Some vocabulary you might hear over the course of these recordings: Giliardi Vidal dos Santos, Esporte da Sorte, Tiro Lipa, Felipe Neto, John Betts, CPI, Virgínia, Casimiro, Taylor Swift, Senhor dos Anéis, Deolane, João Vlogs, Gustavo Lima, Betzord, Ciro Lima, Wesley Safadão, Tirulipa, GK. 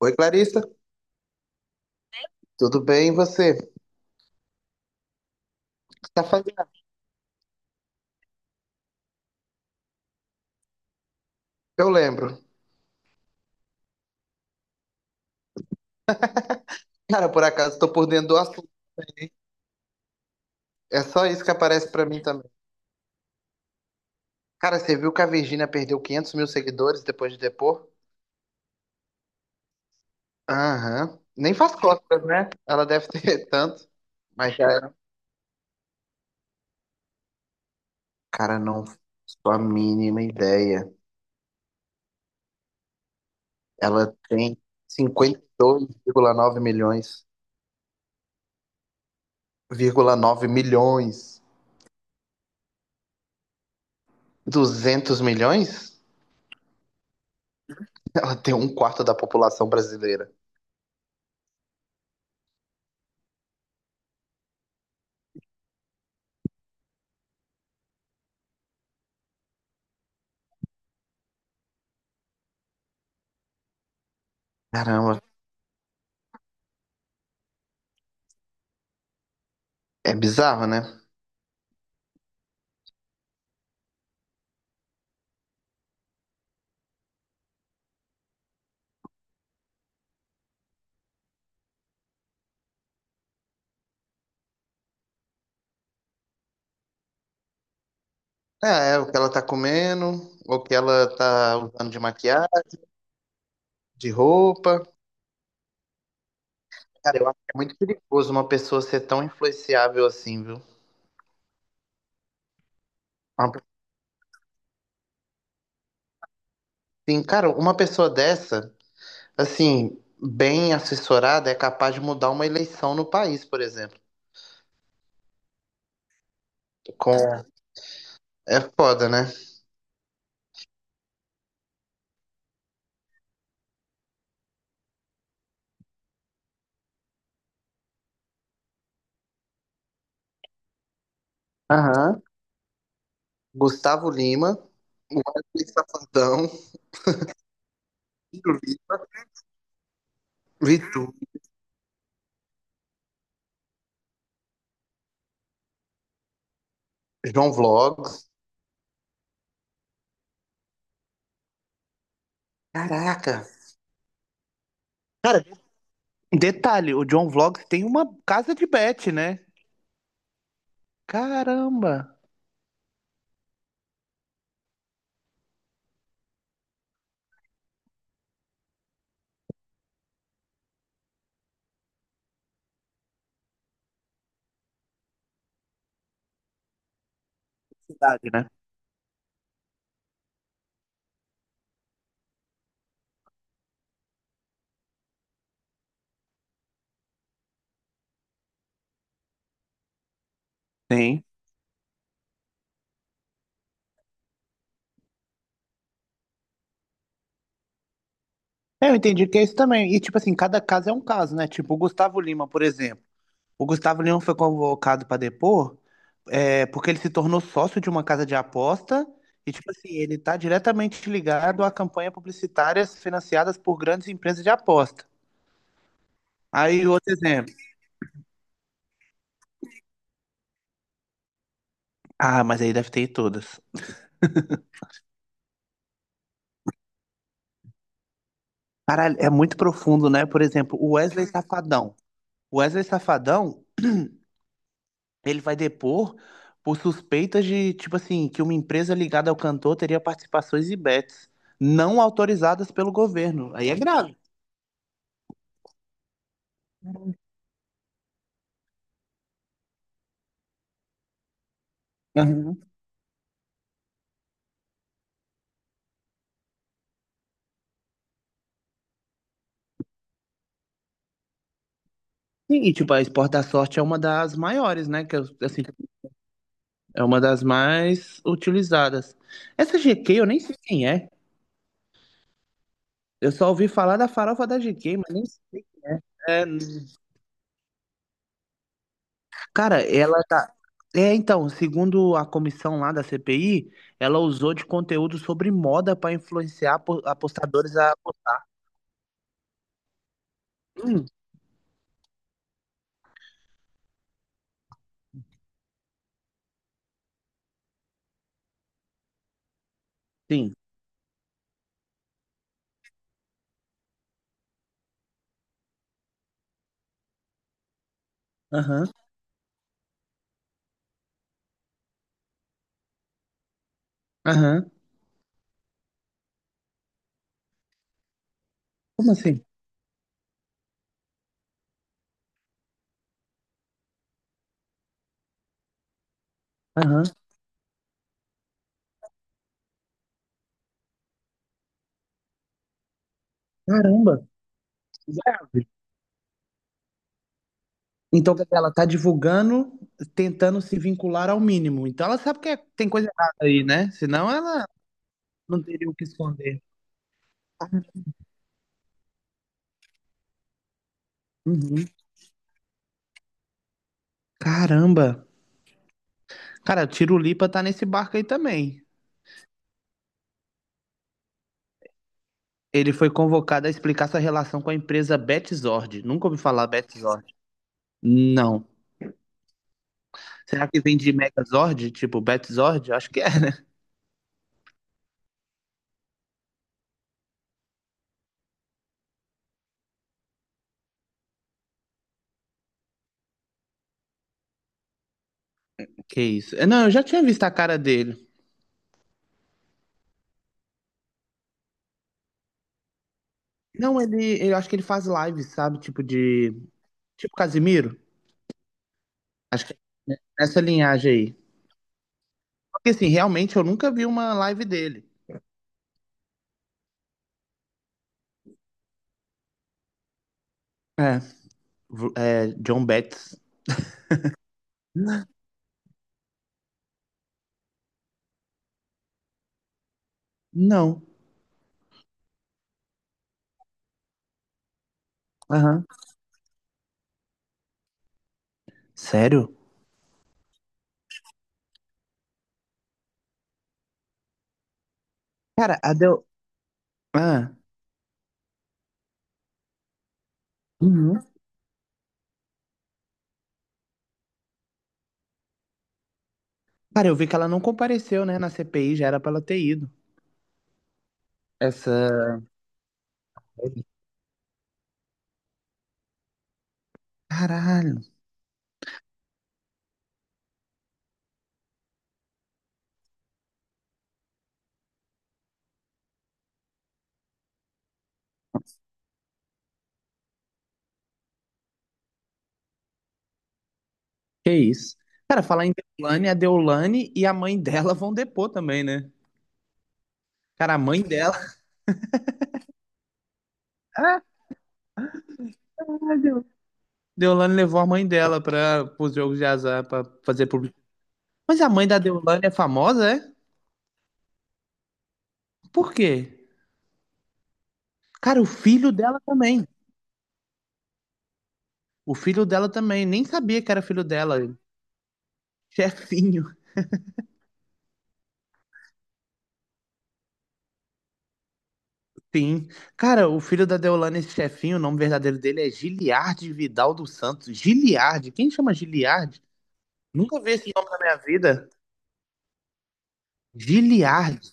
Oi, Clarissa, tudo bem? E você? O que tá fazendo? Eu lembro. Cara, por acaso, tô por dentro do assunto. É só isso que aparece pra mim também. Cara, você viu que a Virgínia perdeu 500 mil seguidores depois de depor? Aham. Nem faz costas, né? Ela deve ter tanto. Mas já era. Cara, não faço a mínima ideia. Ela tem 52,9 milhões. Vírgula 9 milhões. 200 milhões? Ela tem um quarto da população brasileira. Caramba, é bizarro, né? É, é o que ela tá comendo, o que ela tá usando de maquiagem, de roupa. Cara, eu acho que é muito perigoso uma pessoa ser tão influenciável assim, viu? Uma pe- Sim, cara, uma pessoa dessa, assim, bem assessorada, é capaz de mudar uma eleição no país, por exemplo. Com... É foda, né? Aham. Gustavo Lima, Wesley Safadão, Ciro Lima, Vitu, João Vlogs. Caraca! Cara, detalhe, o John Vlogs tem uma casa de bet, né? Caramba! Cidade, né? Sim. É, eu entendi que é isso também. E, tipo assim, cada caso é um caso, né? Tipo, o Gustavo Lima, por exemplo. O Gustavo Lima foi convocado para depor, é, porque ele se tornou sócio de uma casa de aposta. E, tipo assim, ele tá diretamente ligado a campanhas publicitárias financiadas por grandes empresas de aposta. Aí, outro exemplo. Ah, mas aí deve ter em todas. Caralho, é muito profundo, né? Por exemplo, o Wesley Safadão. O Wesley Safadão, ele vai depor por suspeitas de, tipo assim, que uma empresa ligada ao cantor teria participações e bets não autorizadas pelo governo. Aí é grave. Aham. Sim, e tipo, a Esporte da Sorte é uma das maiores, né? Assim, é uma das mais utilizadas. Essa GK eu nem sei quem é. Eu só ouvi falar da farofa da GK, mas nem sei. É, cara, ela tá. É, então, segundo a comissão lá da CPI, ela usou de conteúdo sobre moda para influenciar apostadores a apostar. Sim, sim. Aham, aham. Como assim? Aham. Caramba, grave. Então, quer dizer, ela tá divulgando, tentando se vincular ao mínimo. Então, ela sabe que é- tem coisa errada aí, né? Senão, ela não teria o que esconder. Uhum. Caramba. Cara, o Tiro Lipa tá nesse barco aí também. Ele foi convocado a explicar sua relação com a empresa Betzord. Nunca ouvi falar Betzord. Não. Será que vem de Megazord? Tipo, Betzord? Acho que é. Que isso. Não, eu já tinha visto a cara dele. Não, ele, eu acho que ele faz lives, sabe? Tipo de. Tipo Casimiro. Acho que é nessa linhagem aí. Porque assim, realmente eu nunca vi uma live dele. É. É, John Betts. Não. Aham. Sério? Cara, a Del. Ah. Uhum. Cara, eu vi que ela não compareceu, né, na CPI, já era pra ela ter ido. Essa. Caralho, que isso? Cara, falar em Deolane, a Deolane e a mãe dela vão depor também, né? Cara, a mãe dela. Ah, Deolane levou a mãe dela para os jogos de azar para fazer publicidade. Mas a mãe da Deolane é famosa, é? Por quê? Cara, o filho dela também. O filho dela também. Nem sabia que era filho dela. Chefinho, sim. Cara, o filho da Deolane, esse chefinho, o nome verdadeiro dele é Giliardi Vidal dos Santos. Giliardi. Quem chama Giliardi? Nunca vi esse nome na minha vida. Giliardi.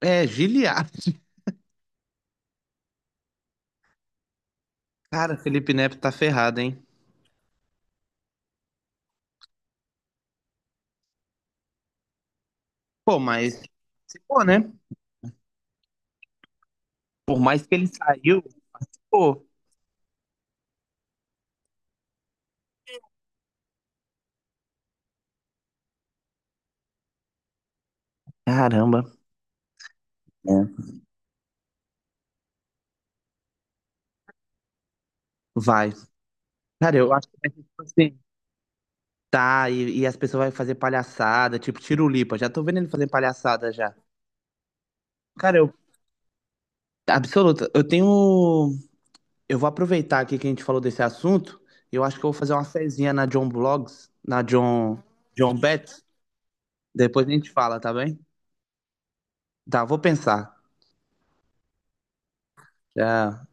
É, Giliardi. Cara, Felipe Neto tá ferrado, hein? Pô, mas. Pô, né? Por mais que ele saiu, pô, caramba. Né? Vai. Cara, eu acho que vai ser tipo assim. Tá, e as pessoas vão fazer palhaçada, tipo Tirulipa. Já tô vendo ele fazer palhaçada já. Cara, eu. Absoluta. Eu tenho. Eu vou aproveitar aqui que a gente falou desse assunto. Eu acho que eu vou fazer uma fezinha na John Blogs, na John. John Bet. Depois a gente fala, tá bem? Tá, vou pensar. Já.